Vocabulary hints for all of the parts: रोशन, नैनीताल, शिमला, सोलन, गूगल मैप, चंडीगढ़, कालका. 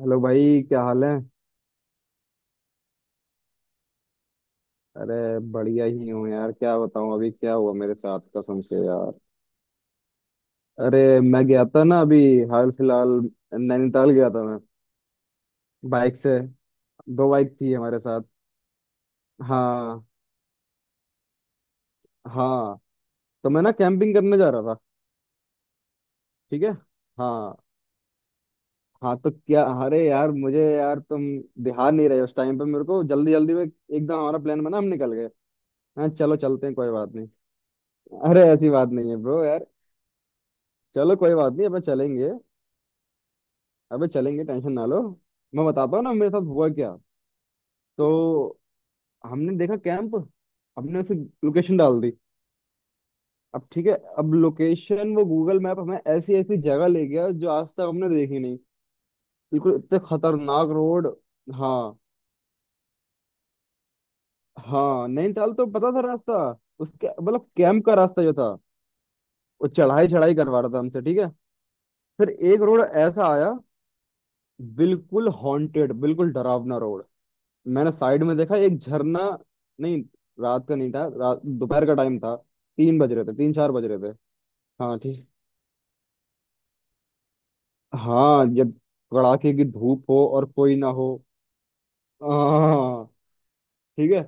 Hello भाई, क्या हाल है? अरे, बढ़िया ही हूँ यार। क्या बताऊँ अभी क्या हुआ मेरे साथ, कसम से यार। अरे, मैं गया था ना अभी हाल फिलहाल, नैनीताल गया था मैं, बाइक से। दो बाइक थी हमारे साथ। हाँ, हाँ। तो मैं ना कैंपिंग करने जा रहा था। ठीक है। हाँ, हाँ तो क्या, अरे यार मुझे, यार तुम ध्यान नहीं रहे उस टाइम पे। मेरे को जल्दी जल्दी में एकदम हमारा प्लान बना, हम निकल गए। हाँ, चलो चलते हैं कोई बात नहीं। अरे ऐसी बात नहीं है ब्रो यार। चलो कोई बात नहीं, अपन चलेंगे। अबे चलेंगे, टेंशन ना लो। मैं बताता हूँ ना मेरे साथ हुआ क्या। तो हमने देखा कैंप, हमने उसे लोकेशन डाल दी। अब ठीक है, अब लोकेशन वो गूगल मैप हमें ऐसी ऐसी जगह ले गया जो आज तक हमने देखी नहीं। बिल्कुल इतने खतरनाक रोड। हाँ। हाँ नैनीताल तो पता था रास्ता। उसके मतलब कैंप का रास्ता जो था। वो चढ़ाई चढ़ाई करवा रहा था हमसे। ठीक है। फिर एक रोड ऐसा आया, बिल्कुल हॉन्टेड, बिल्कुल डरावना रोड। मैंने साइड में देखा एक झरना। नहीं, रात का नहीं था, रात दोपहर का टाइम था। तीन बज रहे थे, तीन चार बज रहे थे। हाँ ठीक। हाँ, जब कड़ाके की धूप हो और कोई ना हो। हाँ। ठीक है।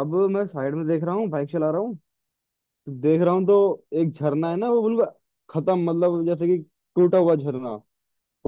अब मैं साइड में देख रहा हूँ, बाइक चला रहा हूँ। तो देख रहा हूँ तो एक झरना है ना, वो बिल्कुल खत्म, मतलब जैसे कि टूटा हुआ झरना।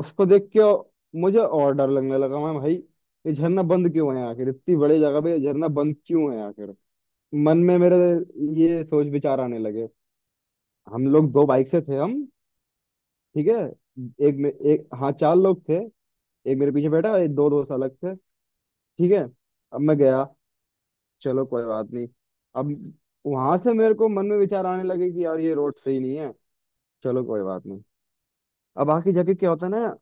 उसको देख के मुझे और डर लगने लगा। मैं भाई, ये झरना बंद क्यों है आखिर, इतनी बड़ी जगह पे ये झरना बंद क्यों है आखिर। मन में मेरे ये सोच विचार आने लगे। हम लोग दो बाइक से थे हम। ठीक है। एक में एक, हाँ चार लोग थे। एक मेरे पीछे बैठा, एक दो दोस्त अलग थे। ठीक है। अब मैं गया, चलो कोई बात नहीं। अब वहां से मेरे को मन में विचार आने लगे कि यार ये रोड सही नहीं है। चलो कोई बात नहीं। अब आखिरी जगह क्या होता है ना,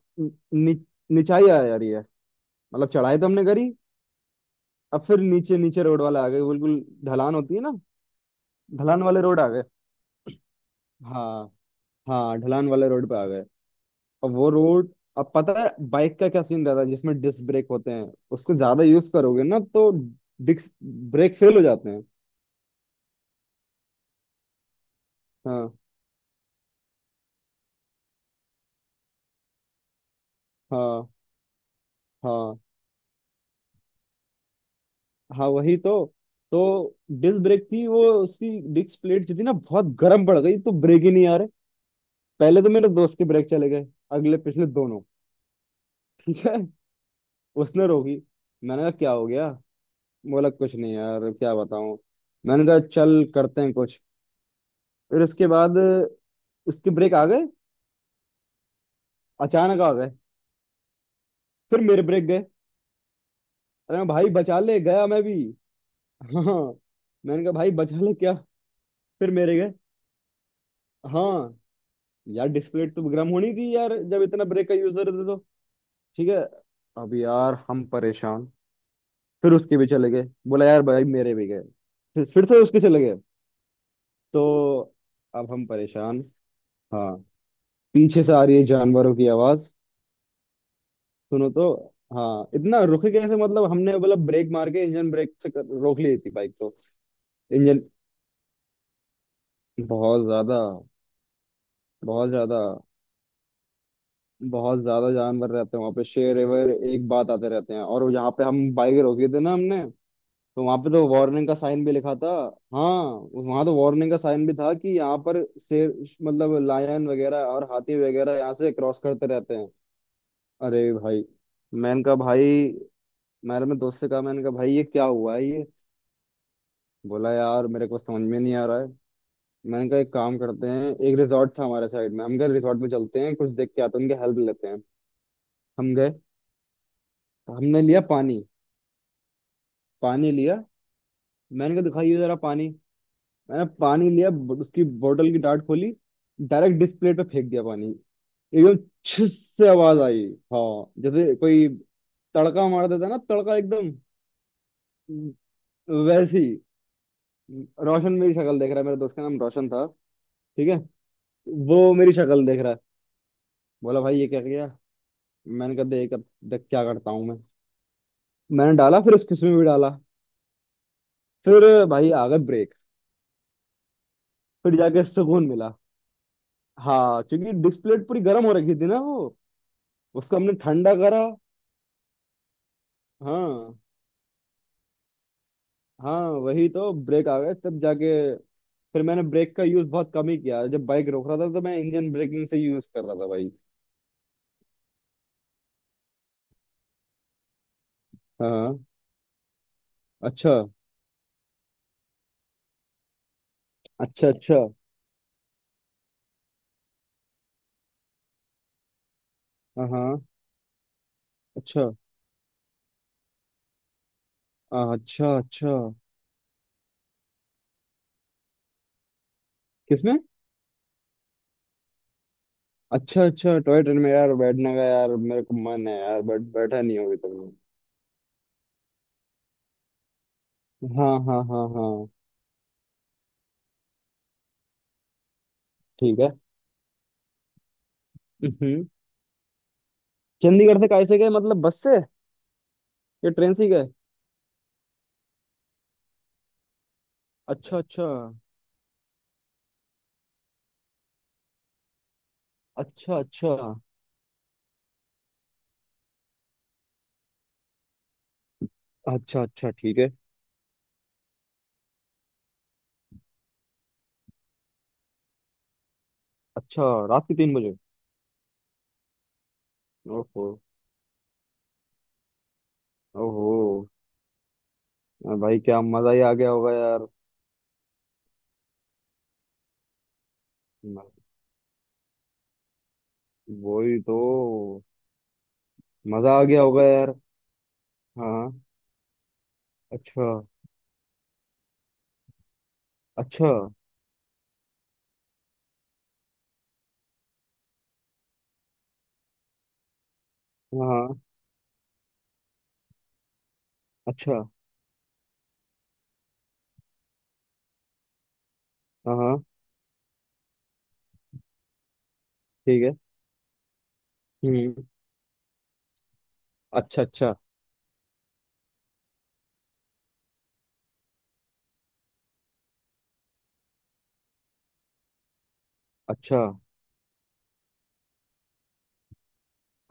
नि, निचाई आ जा रही है। मतलब चढ़ाई तो हमने करी। अब फिर नीचे नीचे रोड वाले आ गए, बिल्कुल ढलान होती है ना। ढलान वाले रोड आ गए। हाँ। हाँ, ढलान वाले रोड पे आ गए। और वो रोड, अब पता है बाइक का क्या सीन रहता है, जिसमें डिस्क ब्रेक होते हैं उसको ज्यादा यूज करोगे ना तो डिस्क ब्रेक फेल हो जाते हैं। हाँ। हाँ, हाँ, हाँ, वही तो। तो डिस्क ब्रेक थी वो, उसकी डिस्क प्लेट जो थी ना बहुत गर्म पड़ गई, तो ब्रेक ही नहीं आ रहे। पहले तो मेरे दोस्त के ब्रेक चले गए, अगले पिछले दोनों। ठीक है। उसने रोकी, मैंने कहा क्या हो गया? बोला कुछ नहीं यार, क्या बताऊं। मैंने कहा चल करते हैं कुछ। फिर उसके बाद उसके ब्रेक आ गए, अचानक आ गए। फिर मेरे ब्रेक गए। अरे मैं, भाई बचा ले गया मैं भी। हाँ। मैंने कहा भाई बचा ले क्या। फिर मेरे गए। हाँ। यार डिस्प्ले तो गर्म होनी थी यार, जब इतना ब्रेक का यूजर थे तो। ठीक है। अब यार हम परेशान। फिर उसके भी चले गए। बोला यार भाई मेरे भी गए। फिर से उसके चले गए। तो अब हम परेशान। हाँ। पीछे से आ रही है जानवरों की आवाज। सुनो तो। हाँ, इतना रुके कैसे, मतलब हमने बोला ब्रेक मार के, इंजन ब्रेक से रोक ली थी बाइक तो। इंजन। बहुत ज्यादा, बहुत ज्यादा, बहुत ज्यादा जानवर रहते हैं वहां पे। शेर एवर एक बात आते रहते हैं, और यहाँ पे हम बाइक रोकी थी ना हमने। तो वहां पे तो वार्निंग का साइन भी लिखा था। हाँ। वहां तो वार्निंग का साइन भी था कि यहाँ पर शेर, मतलब लायन वगैरह और हाथी वगैरह यहाँ से क्रॉस करते रहते हैं। अरे भाई। मैंने कहा भाई, मैंने अपने दोस्त से कहा, मैंने कहा भाई ये क्या हुआ है ये। बोला यार मेरे को समझ में नहीं आ रहा है। मैंने कहा एक काम करते हैं, एक रिजॉर्ट था हमारे साइड में, हम गए रिजॉर्ट में, चलते हैं कुछ देख के आते हैं, उनकी हेल्प लेते हैं। हम गए, हमने लिया पानी। पानी लिया, मैंने कहा दिखाइए जरा पानी। मैंने पानी लिया, उसकी बोतल की डाट खोली। डायरेक्ट डिस्प्ले पे फेंक दिया पानी, एकदम। छिस से आवाज आई, हाँ, जैसे कोई तड़का मार देता है ना, तड़का एकदम वैसी। रोशन मेरी शक्ल देख रहा है, मेरे दोस्त का नाम रोशन था। ठीक है। वो मेरी शक्ल देख रहा है। बोला भाई ये क्या किया? मैंने कहा देख अब, देख क्या करता हूँ मैं। मैंने डाला, फिर उस किस्म में भी डाला। फिर भाई आ गए ब्रेक। फिर जाके सुकून मिला। हाँ, क्योंकि डिस्प्ले पूरी गर्म हो रखी थी ना वो। उसको हमने ठंडा करा। हाँ, हाँ वही तो, ब्रेक आ गए तब जाके। फिर मैंने ब्रेक का यूज बहुत कम ही किया, जब बाइक रोक रहा था तो मैं इंजन ब्रेकिंग से यूज कर रहा था भाई। हाँ। अच्छा। अच्छा। अच्छा। हाँ, हाँ, अच्छा। हाँ, अच्छा, अच्छा। किसमें? अच्छा, अच्छा, टॉय ट्रेन में यार बैठने का यार मेरे को मन है यार, बट बैठा नहीं होगी तुमने। हाँ, हाँ, हाँ, हाँ। ठीक है। हम्म। चंडीगढ़ से कैसे गए, मतलब बस से, या ट्रेन से ही गए? अच्छा, अच्छा। अच्छा, अच्छा। अच्छा, अच्छा, ठीक है। अच्छा। रात के तीन बजे? ओहो। ओहो। अरे भाई क्या मजा ही आ गया होगा यार। म-, वही तो। मजा आ गया होगा यार। हाँ। अच्छा। अच्छा। हाँ, हाँ, अच्छा। हाँ, हाँ। ठीक है। हम्म। अच्छा, अच्छा। अच्छा।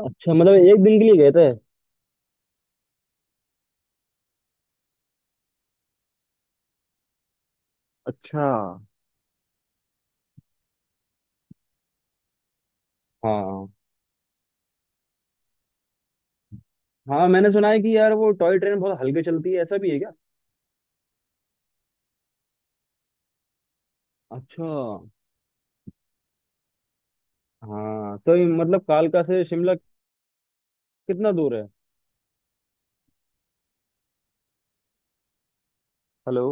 अच्छा मतलब एक दिन के लिए गए थे। अच्छा। हाँ, हाँ मैंने सुना है कि यार वो टॉय ट्रेन बहुत हल्के चलती है, ऐसा भी है क्या? अच्छा। हाँ तो ये मतलब कालका से शिमला कितना दूर है? हेलो।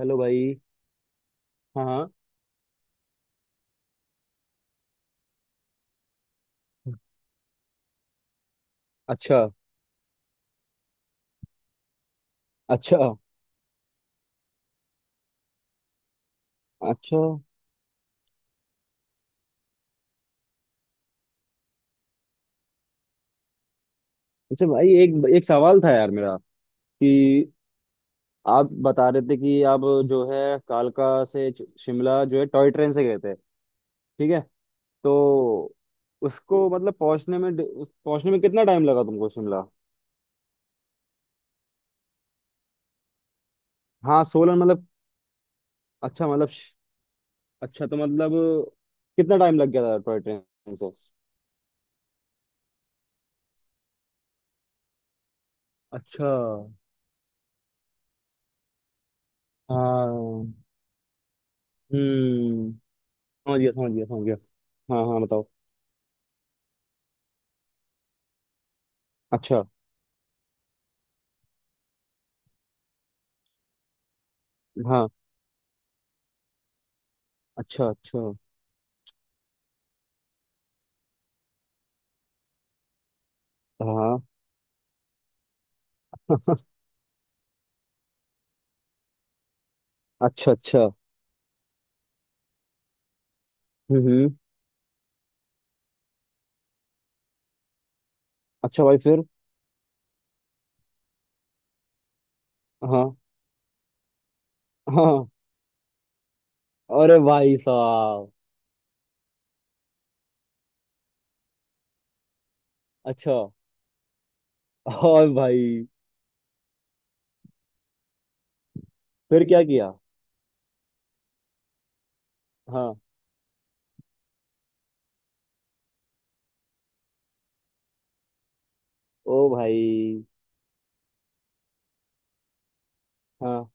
हेलो भाई। हाँ, हाँ। अच्छा। अच्छा। अच्छा। अच्छा भाई, एक एक सवाल था यार मेरा, कि आप बता रहे थे कि आप, जो है, कालका से शिमला जो है टॉय ट्रेन से गए थे। ठीक है। तो उसको मतलब पहुंचने में पहुंचने में कितना टाइम लगा तुमको शिमला? हाँ सोलन, मतलब। अच्छा मतलब श-, अच्छा तो मतलब कितना टाइम लग गया था टॉय ट्रेन से? अच्छा। हाँ। हम्म। समझ गया, समझ गया, समझ गया। हाँ, हाँ बताओ। अच्छा। हाँ। अच्छा। अच्छा। हाँ। अच्छा। अच्छा। हम्म। हम्म। अच्छा भाई फिर। हाँ, हाँ। अरे भाई साहब। अच्छा। और भाई? फिर क्या किया? हाँ। ओ भाई। हाँ।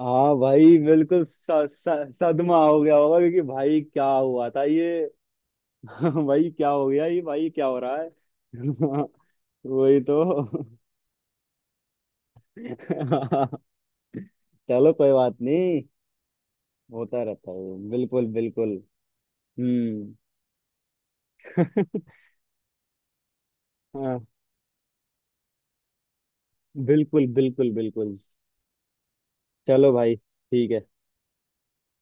हाँ भाई, बिल्कुल स, स, सदमा हो गया होगा, क्योंकि भाई क्या हुआ था ये। भाई क्या हो गया ये, भाई क्या हो रहा है। वही तो। चलो कोई बात नहीं, होता रहता है। बिल्कुल, बिल्कुल। हम्म। हाँ। बिल्कुल, बिल्कुल, बिल्कुल। चलो भाई ठीक है।